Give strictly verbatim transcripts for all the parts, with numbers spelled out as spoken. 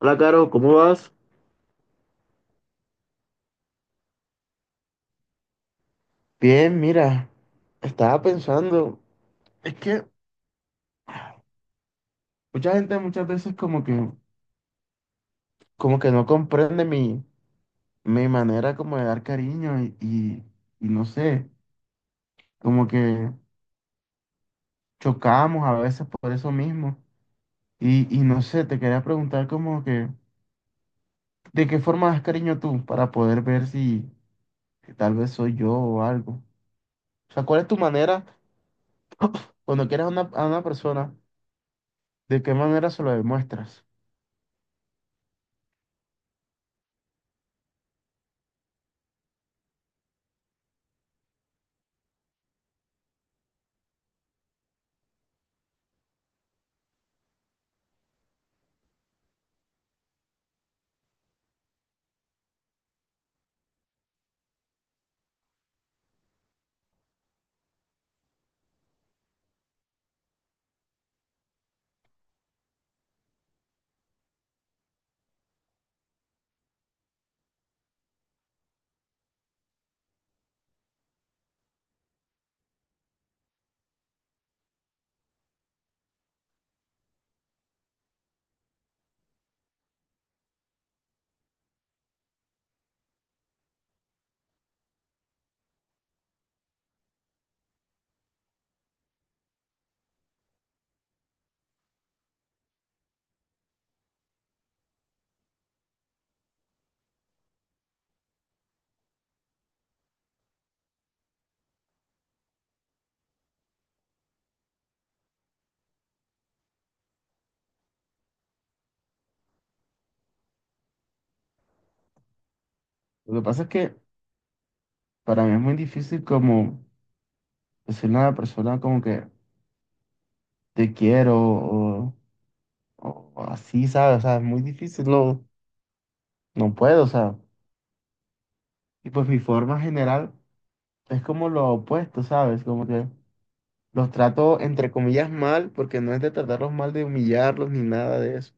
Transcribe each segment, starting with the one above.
Hola, Caro, ¿cómo vas? Bien, mira, estaba pensando, es que mucha gente muchas veces como que, como que no comprende mi, mi manera como de dar cariño y, y, y no sé, como que chocamos a veces por eso mismo. Y, y no sé, te quería preguntar como que, ¿de qué forma das cariño tú para poder ver si, si tal vez soy yo o algo? O sea, ¿cuál es tu manera cuando quieres a una, a una persona, de qué manera se lo demuestras? Lo que pasa es que para mí es muy difícil como decirle a una persona como que te quiero o, o o así, ¿sabes? O sea, es muy difícil, no, no puedo, o sea. Y pues mi forma general es como lo opuesto, ¿sabes? Como que los trato entre comillas mal, porque no es de tratarlos mal, de humillarlos ni nada de eso,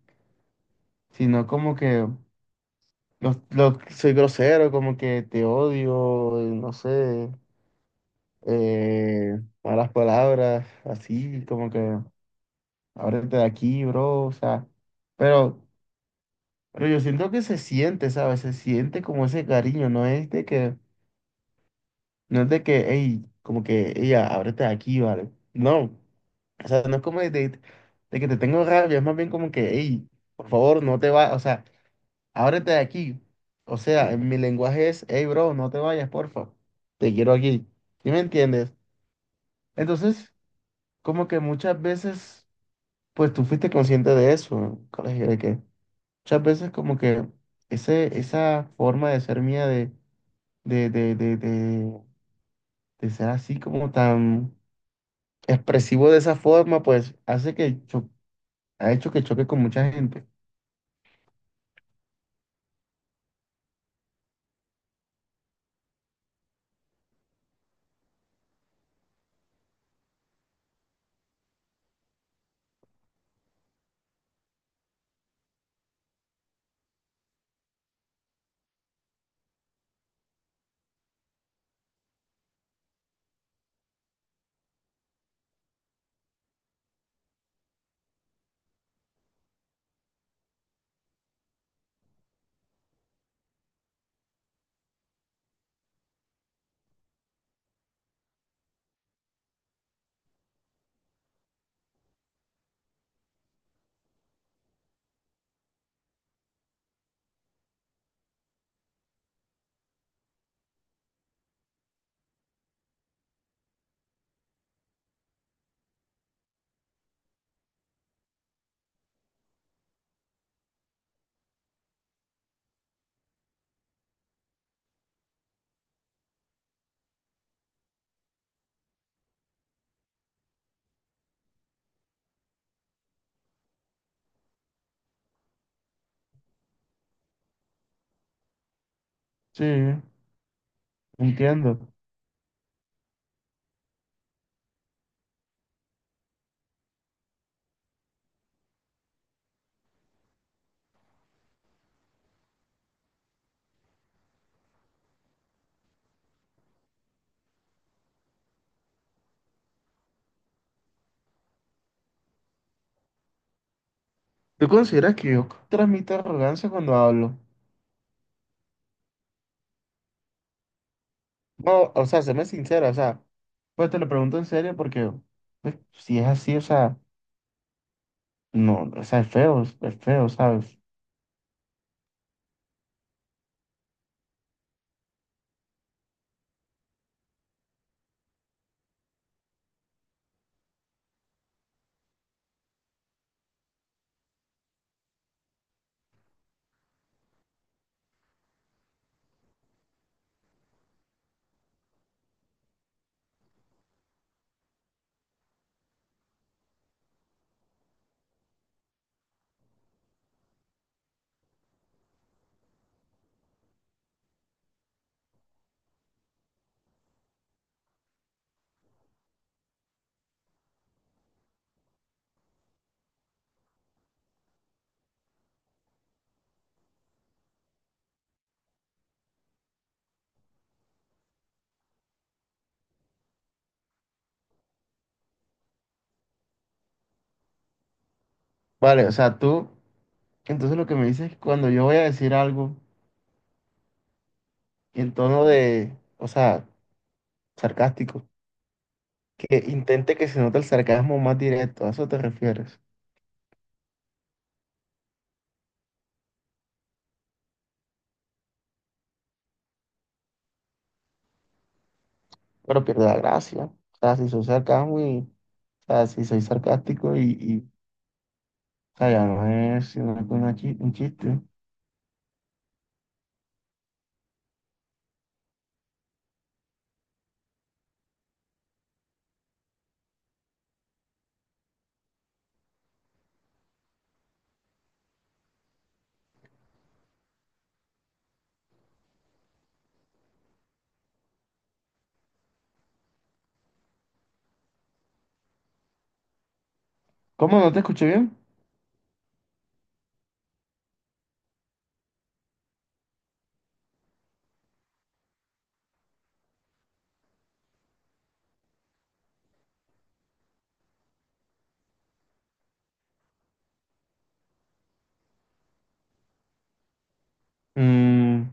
sino como que los, los- soy grosero, como que te odio, eh, no sé, eh, malas palabras, así, como que ábrete de aquí, bro, o sea, pero, pero yo siento que se siente, ¿sabes? Se siente como ese cariño, no es de que, no es de que, hey, como que, ella, ábrete de aquí, ¿vale? No, o sea, no es como de, de- de que te tengo rabia, es más bien como que, hey, por favor, no te vayas, o sea, ábrete de aquí, o sea, en mi lenguaje es, hey, bro, no te vayas, porfa, te quiero aquí, ¿sí me entiendes? Entonces, como que muchas veces, pues tú fuiste consciente de eso, ¿no? Colegio, de que muchas veces como que ese, esa forma de ser mía de, de, de, de, de, de ser así como tan expresivo de esa forma, pues hace que cho- ha hecho que choque con mucha gente. Sí, entiendo. ¿Tú consideras que yo transmito arrogancia cuando hablo? No, o sea, séme sincera, o sea, pues te lo pregunto en serio porque pues, si es así, o sea, no, o sea, es feo, es feo, ¿sabes? Vale, o sea, tú, entonces lo que me dices es que cuando yo voy a decir algo en tono de, o sea, sarcástico, que intente que se note el sarcasmo más directo, a eso te refieres, pero pierde la gracia, o sea, si soy sarcasmo y, o sea, si soy sarcástico y, y, o sea, ya no es sino que una chi- un chiste. ¿Cómo no te escuché bien? Mm,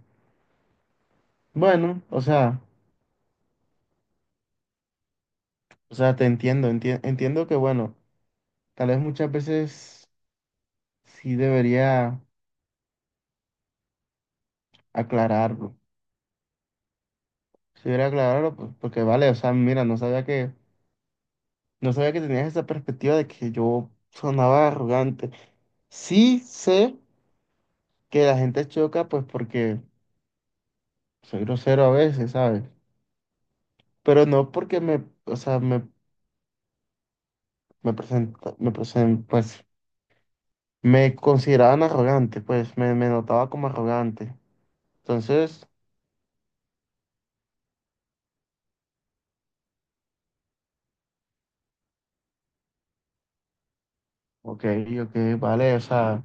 bueno, o sea, o sea, te entiendo, enti- entiendo que, bueno, tal vez muchas veces sí debería aclararlo, si debería aclararlo, pues, porque vale, o sea, mira, no sabía que no sabía que tenías esa perspectiva de que yo sonaba arrogante. Sí sé que la gente choca, pues porque soy grosero a veces, ¿sabes? Pero no porque me, o sea, me, me presenta, me presen- pues me consideraban arrogante, pues me, me notaba como arrogante. Entonces, ok, ok, vale, o sea,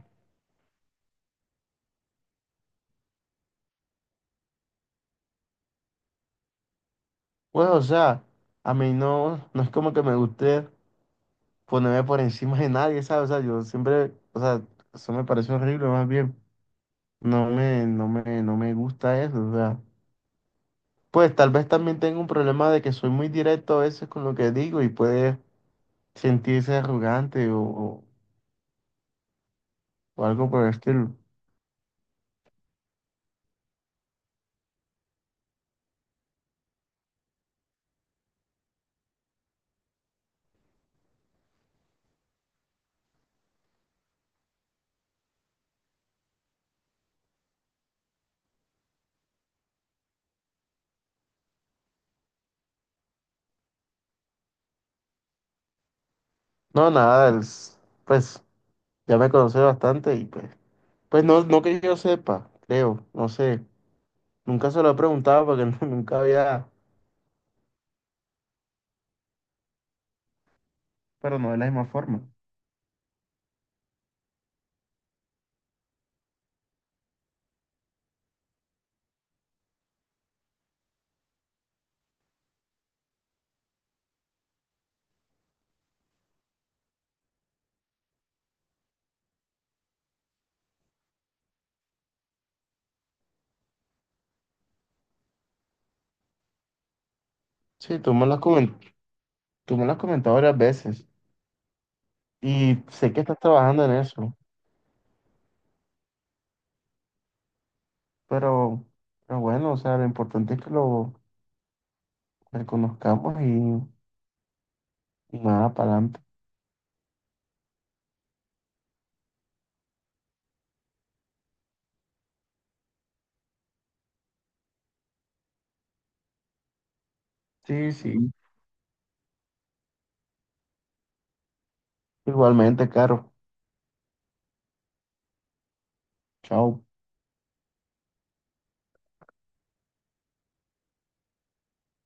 pues, o sea, a mí no, no es como que me guste ponerme por encima de nadie, ¿sabes? O sea, yo siempre, o sea, eso me parece horrible, más bien. No me, no me, no me gusta eso, o sea, pues tal vez también tengo un problema de que soy muy directo a veces con lo que digo y puede sentirse arrogante o, o- o algo por el estilo. No, nada, el s- pues ya me conoce bastante y pues, pues no, no que yo sepa, creo, no sé, nunca se lo he preguntado porque no- nunca había, pero no de la misma forma. Sí, tú me lo has comen- tú me lo has comentado varias veces y sé que estás trabajando en eso, pero, pero bueno, o sea, lo importante es que lo reconozcamos y, y nada, para adelante. Sí, sí. Igualmente, Caro. Chao.